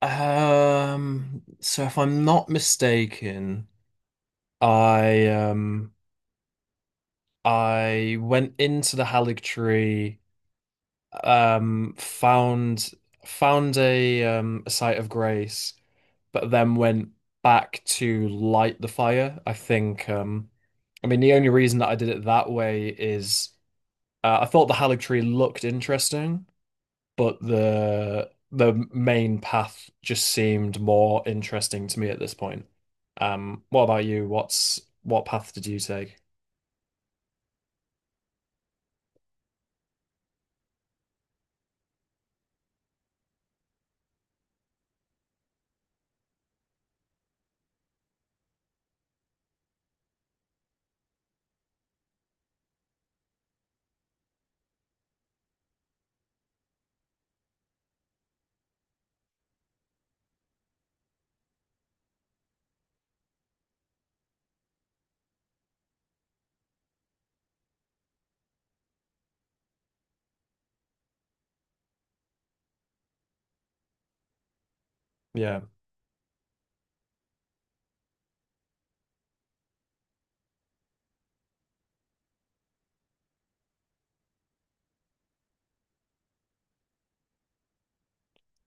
So if I'm not mistaken, I um I went into the Hallig Tree, um, found found a site of grace, but then went back to light the fire. I think I mean the only reason that I did it that way is I thought the Hallig Tree looked interesting, but the main path just seemed more interesting to me at this point. What about you? What path did you take? Yeah.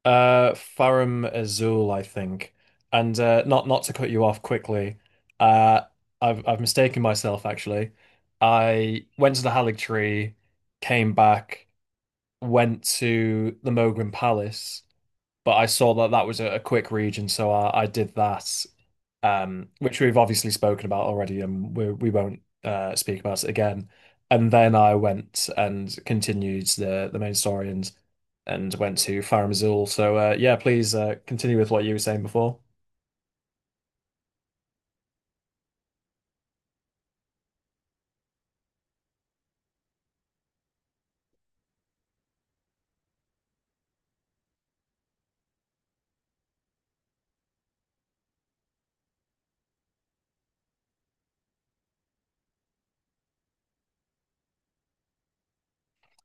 Farum Azul, I think. And not to cut you off quickly, uh, I've mistaken myself actually. I went to the Halig Tree, came back, went to the Mogrim Palace, but I saw that that was a quick read, and so I did that, which we've obviously spoken about already, and we won't speak about it again. And then I went and continued the main story and went to Farum Azula. So yeah, please continue with what you were saying before.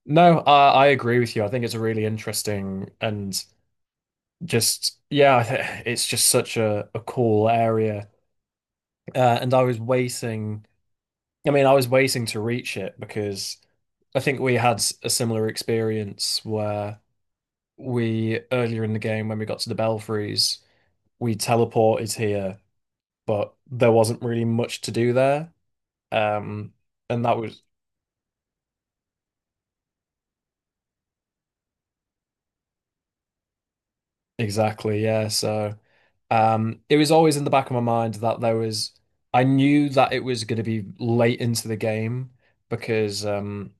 No, I agree with you. I think it's a really interesting and just yeah, it's just such a cool area. And I was waiting I mean, I was waiting to reach it because I think we had a similar experience where we earlier in the game when we got to the Belfries, we teleported here, but there wasn't really much to do there. Um, and that was exactly, yeah. So. It was always in the back of my mind that I knew that it was going to be late into the game because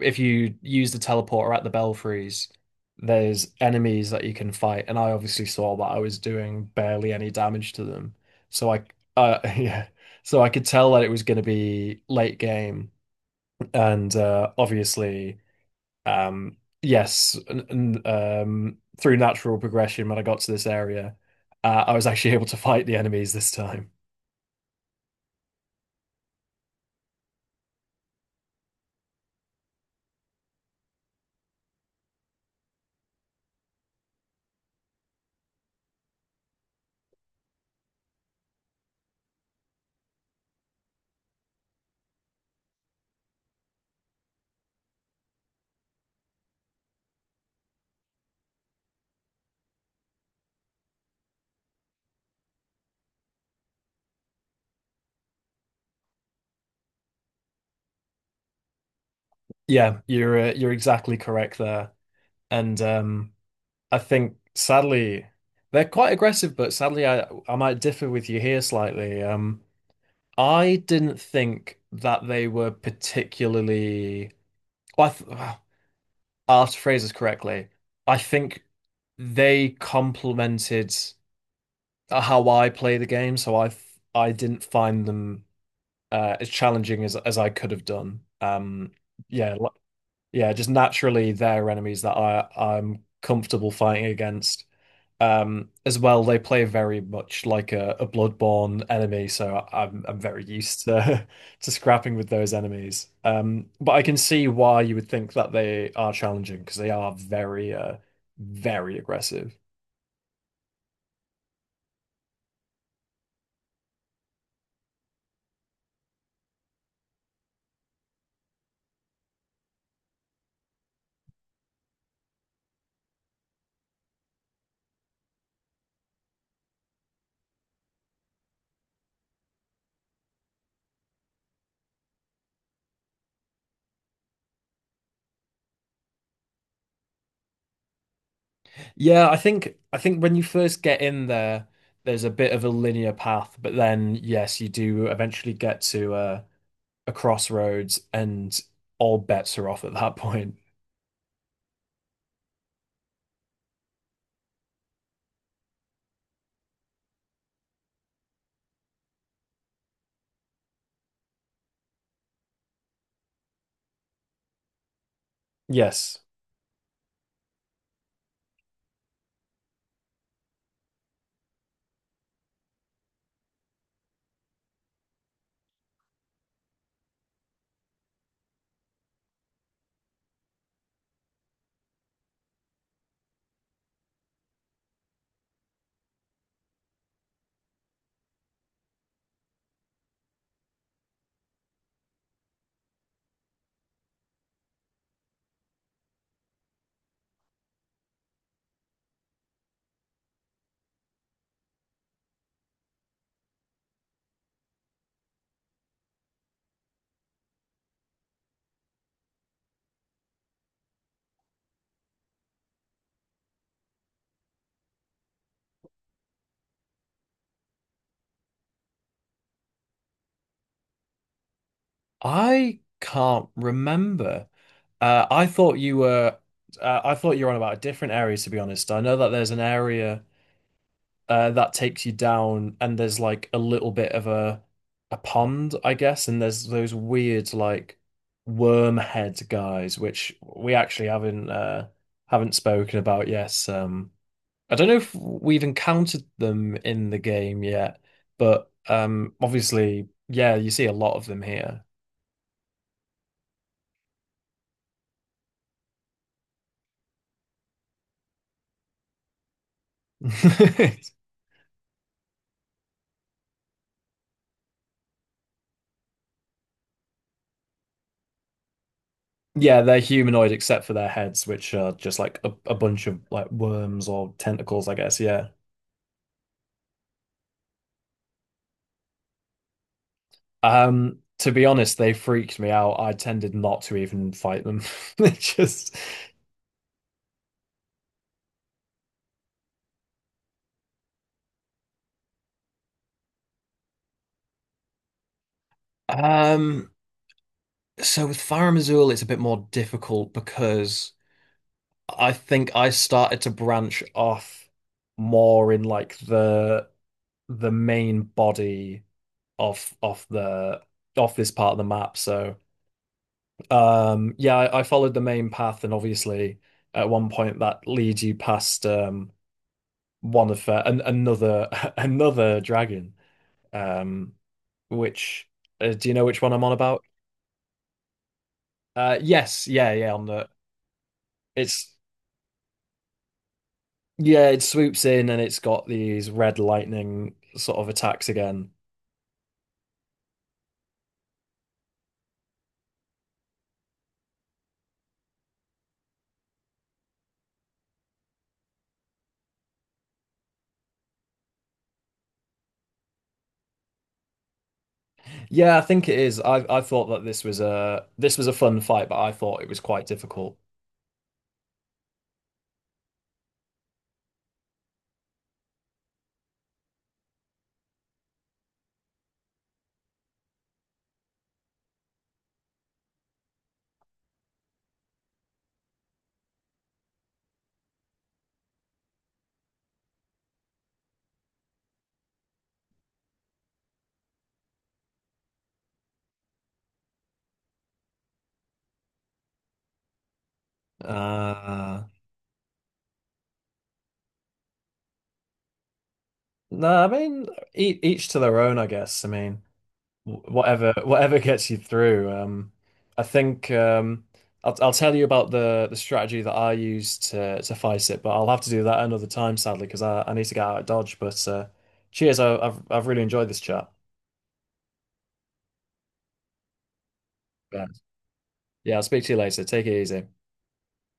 if you use the teleporter at the Belfries, there's enemies that you can fight, and I obviously saw that I was doing barely any damage to them, so yeah, so I could tell that it was going to be late game, and obviously. Um, yes, and through natural progression, when I got to this area, I was actually able to fight the enemies this time. Yeah, you're exactly correct there, and I think sadly they're quite aggressive, but sadly I might differ with you here slightly. I didn't think that they were particularly. Well, I th I'll have to phrase this correctly. I think they complemented. Uh, how I play the game, so I didn't find them as challenging as I could have done. Yeah, li- yeah, just naturally they're enemies that I'm comfortable fighting against. As well, they play very much like a Bloodborne enemy, so I'm very used to to scrapping with those enemies. But I can see why you would think that they are challenging because they are very aggressive. Yeah, I think when you first get in there, there's a bit of a linear path, but then yes, you do eventually get to a crossroads and all bets are off at that point. Yes. I can't remember. Uh, I thought you were I thought you were on about a different area to be honest. I know that there's an area that takes you down and there's like a little bit of a pond, I guess, and there's those weird like worm head guys which we actually haven't spoken about. Yes. I don't know if we've encountered them in the game yet, but obviously, yeah, you see a lot of them here. Yeah, they're humanoid except for their heads, which are just like a bunch of like worms or tentacles, I guess. Yeah. To be honest, they freaked me out. I tended not to even fight them. It just um, so with Farum Azula, it's a bit more difficult because I think I started to branch off more in like the main body of the of this part of the map. So yeah, I followed the main path and obviously at one point that leads you past another another dragon. Um which Do you know which one I'm on about? Yes, yeah, on the it's yeah, it swoops in and it's got these red lightning sort of attacks again. Yeah, I think it is. I thought that this was a fun fight, but I thought it was quite difficult. Uh, no, I mean each to their own, I guess. I mean wh- whatever whatever gets you through. I think um, I'll tell you about the strategy that I used to fight it, but I'll have to do that another time, sadly, because I need to get out of Dodge. But cheers, I've really enjoyed this chat. Yeah, yeah. I'll speak to you later. Take it easy.